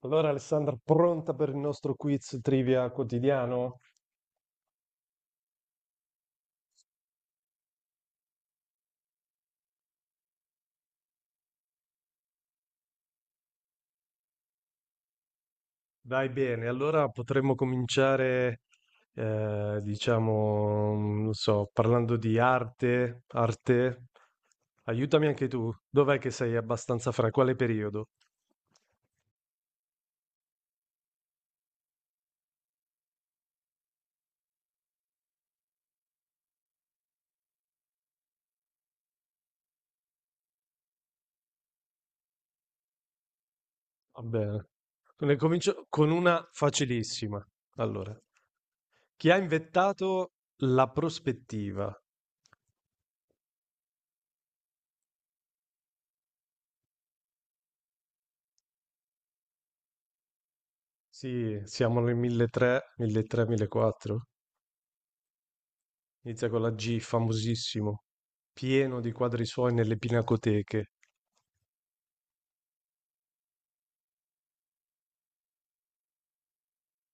Allora, Alessandra, pronta per il nostro quiz trivia quotidiano? Dai bene, allora potremmo cominciare, diciamo, non so, parlando di arte. Aiutami anche tu, dov'è che sei abbastanza fra? Quale periodo? Va bene. Ne comincio con una facilissima. Allora, chi ha inventato la prospettiva? Sì, siamo nel 1300, 1300, 1400. Inizia con la G, famosissimo, pieno di quadri suoi nelle pinacoteche.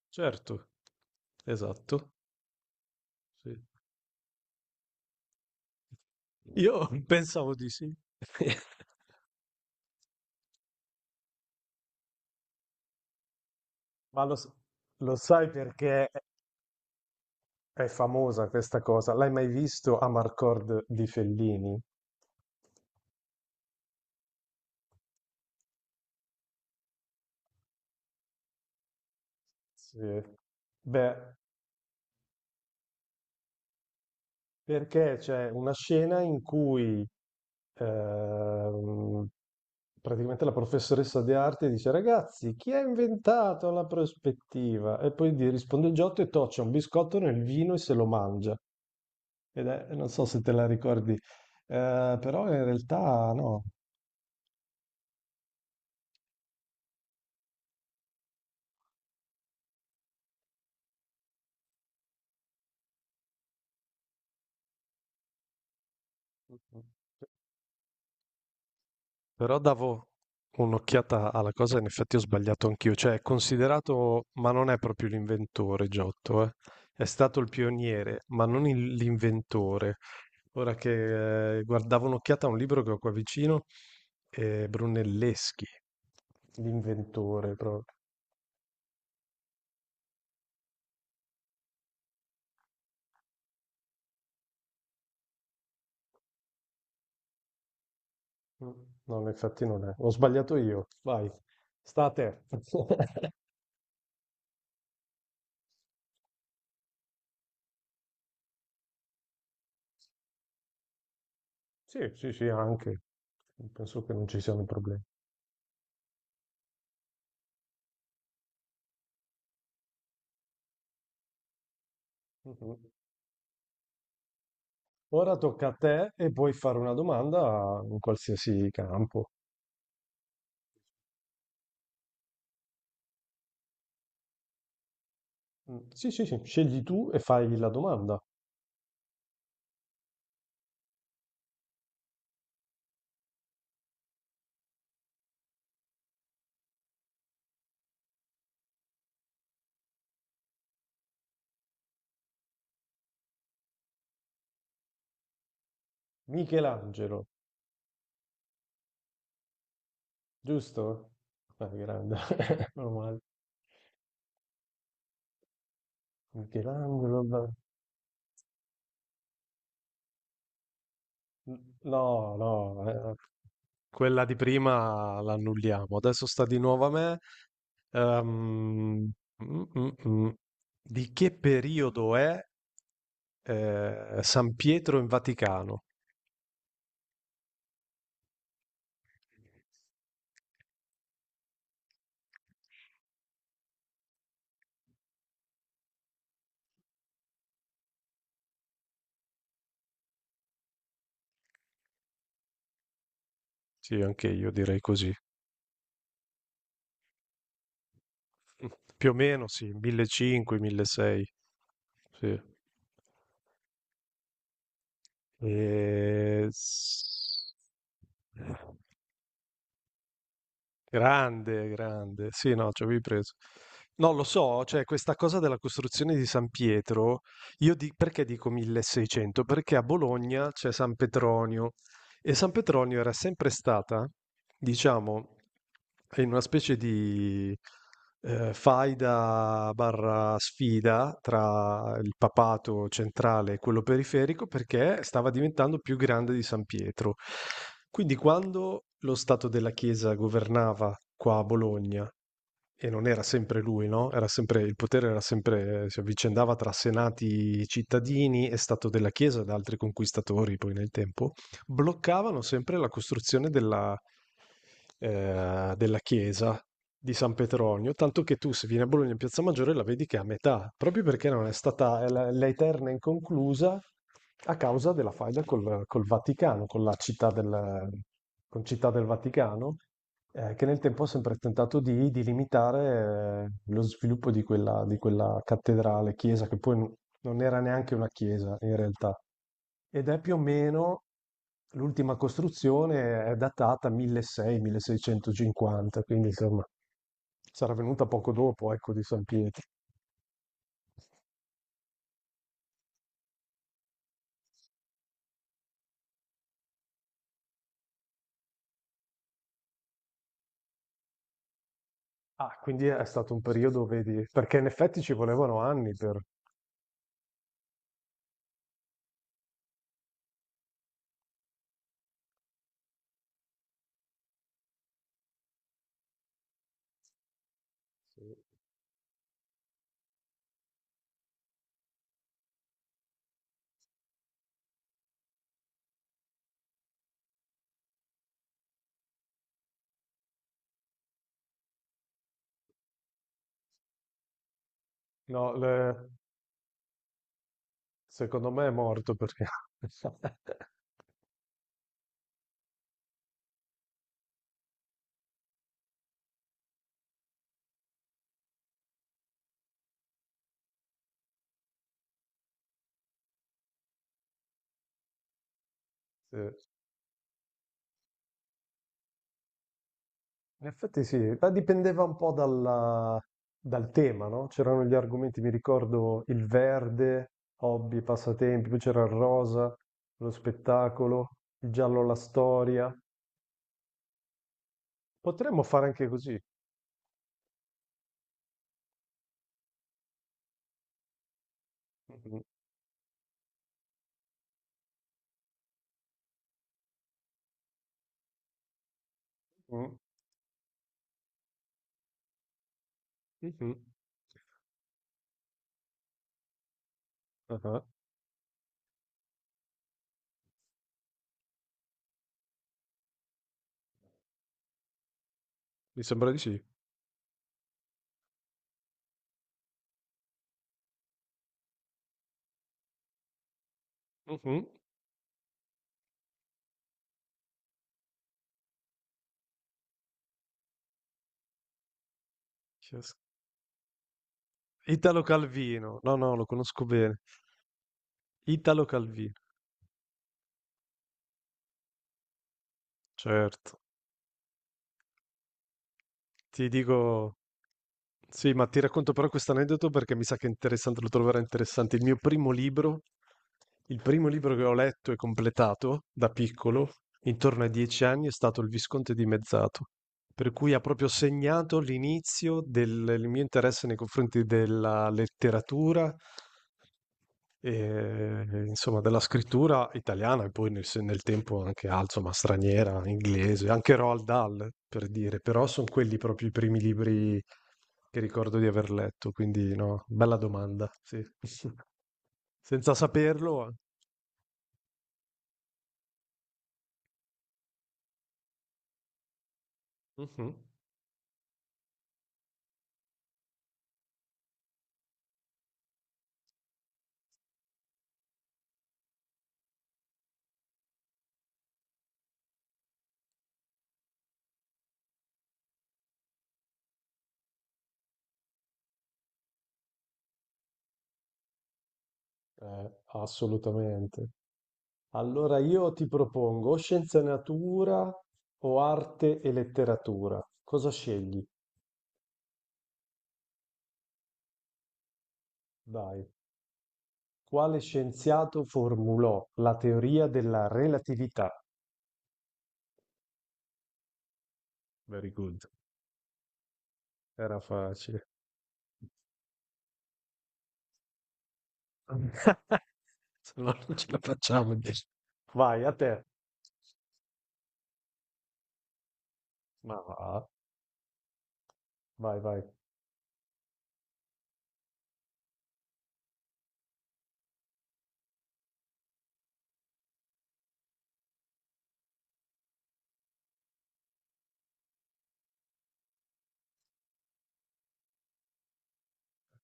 Certo, esatto. Sì. Io pensavo di sì. Ma lo sai perché è famosa questa cosa? L'hai mai visto Amarcord di Fellini? Sì. Beh, perché c'è una scena in cui ehm, praticamente la professoressa di arte dice: Ragazzi, chi ha inventato la prospettiva? E poi gli risponde Giotto e toccia un biscotto nel vino e se lo mangia. Ed è, non so se te la ricordi, però in realtà no. Però davo un'occhiata alla cosa, in effetti ho sbagliato anch'io, cioè è considerato, ma non è proprio l'inventore Giotto, eh. È stato il pioniere, ma non l'inventore. Ora che guardavo un'occhiata a un libro che ho qua vicino, Brunelleschi, l'inventore proprio. No, infatti non è. Ho sbagliato io. Vai, sta a te. Sì, sì, sì, anche. Penso che non ci siano problemi. Mhm. Ora tocca a te e puoi fare una domanda in qualsiasi campo. Mm, sì, sì, sì, scegli tu e fai la domanda. Michelangelo, giusto? Ah, grande. Meno male. Michelangelo. Beh. No, no, quella di prima l'annulliamo. Adesso sta di nuovo a me. Ehm, mm, mm, mm. Di che periodo è San Pietro in Vaticano? Sì, anche io direi così. Più o meno sì, 1500, 1600. Sì. E... s- Grande, grande. Sì, no, ci avevi preso. No, lo so, cioè questa cosa della costruzione di San Pietro, perché dico 1600? Perché a Bologna c'è San Petronio. E San Petronio era sempre stata, diciamo, in una specie di faida/sfida tra il papato centrale e quello periferico perché stava diventando più grande di San Pietro. Quindi quando lo Stato della Chiesa governava qua a Bologna, e non era sempre lui, no? Il potere era sempre, si avvicendava tra senati cittadini e Stato della Chiesa ed altri conquistatori poi nel tempo bloccavano sempre la costruzione della chiesa di San Petronio, tanto che tu se vieni a Bologna in Piazza Maggiore la vedi che è a metà, proprio perché non è stata è la eterna inconclusa a causa della faida col Vaticano, con città del Vaticano, che nel tempo ha sempre tentato di limitare lo sviluppo di quella cattedrale, chiesa, che poi non era neanche una chiesa in realtà, ed è più o meno l'ultima costruzione è datata 1600-1650, quindi insomma sarà venuta poco dopo, ecco, di San Pietro. Ah, quindi è stato un periodo, vedi, perché in effetti ci volevano anni per... No, secondo me è morto perché... Sì. In effetti sì, ma dipendeva un po' dal tema, no? C'erano gli argomenti, mi ricordo il verde, hobby, passatempi, poi c'era il rosa, lo spettacolo, il giallo, la storia. Potremmo fare anche così. Mhm, mhm, mhm. Ah, mi sembra di sì. Mhm. Yes. Italo Calvino, no, no, lo conosco bene. Italo Calvino, certo. Ti dico, sì, ma ti racconto però questo aneddoto perché mi sa che è interessante, lo troverai interessante. Il primo libro che ho letto e completato da piccolo, intorno ai 10 anni, è stato Il Visconte di Mezzato, per cui ha proprio segnato l'inizio del, del mio interesse nei confronti della letteratura e, insomma, della scrittura italiana e poi nel, se- nel tempo anche insomma, straniera, inglese, anche Roald Dahl, per dire, però sono quelli proprio i primi libri che ricordo di aver letto, quindi no, bella domanda, sì. Senza saperlo. Mhm. Assolutamente. Allora io ti propongo o scienze e natura o arte e letteratura. Cosa scegli? Dai. Quale scienziato formulò la teoria della relatività? Very good, era facile. Se no non ce la facciamo, dici. Vai, a te. Ma va, vai, vai.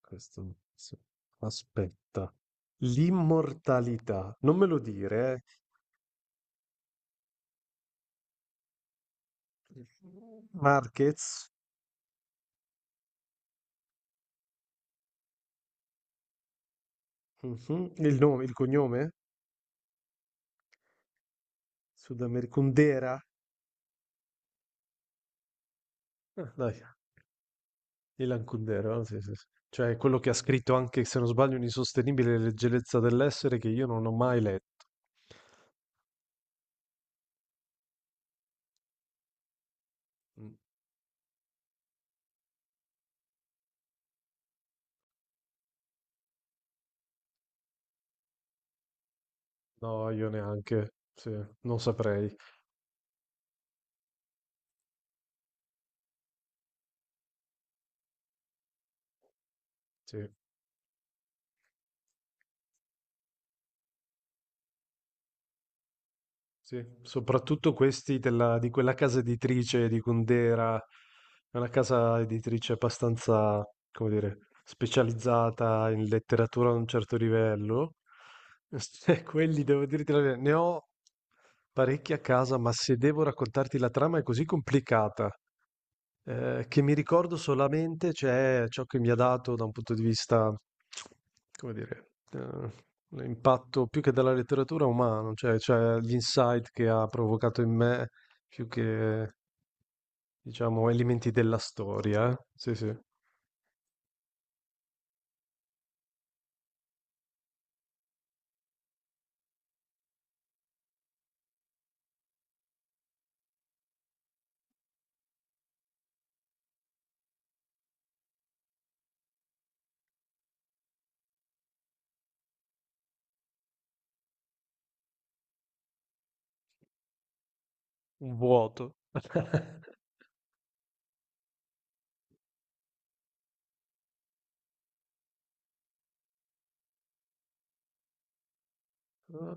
Questo... sì. Aspetta. L'immortalità. Non me lo dire, eh. Marquez. Mhm. Il nome, il cognome? Sudamericundera. Ah, dai. Ilan Kundera, sì, sì, sì. Cioè quello che ha scritto anche, se non sbaglio, un'insostenibile leggerezza dell'essere che io non ho mai letto. Mm, no, io neanche, sì, non saprei. Sì, sì. Soprattutto questi di quella casa editrice di Kundera, è una casa editrice abbastanza, come dire, specializzata in letteratura a un certo livello. E quelli, devo dirti la verità, ne ho parecchi a casa, ma se devo raccontarti la trama è così complicata che mi ricordo solamente c'è ciò che mi ha dato da un punto di vista, come dire, l'impatto più che della letteratura umano, cioè, gli insight che ha provocato in me, più che, diciamo, elementi della storia. Eh. Sì, sì, un vuoto. Eh,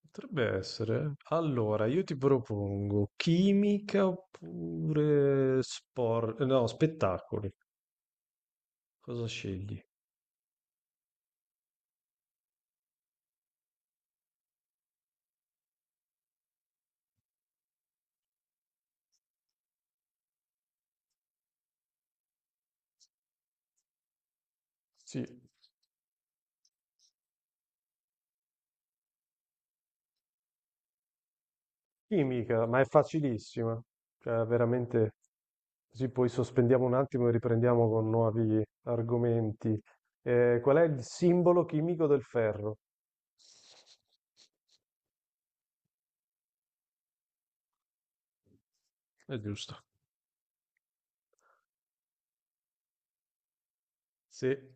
potrebbe essere. Allora, io ti propongo chimica oppure sport, no, spettacoli. Cosa scegli? Sì. Chimica, ma è facilissima, cioè veramente così poi sospendiamo un attimo e riprendiamo con nuovi argomenti. Qual è il simbolo chimico del ferro? È giusto. Sì,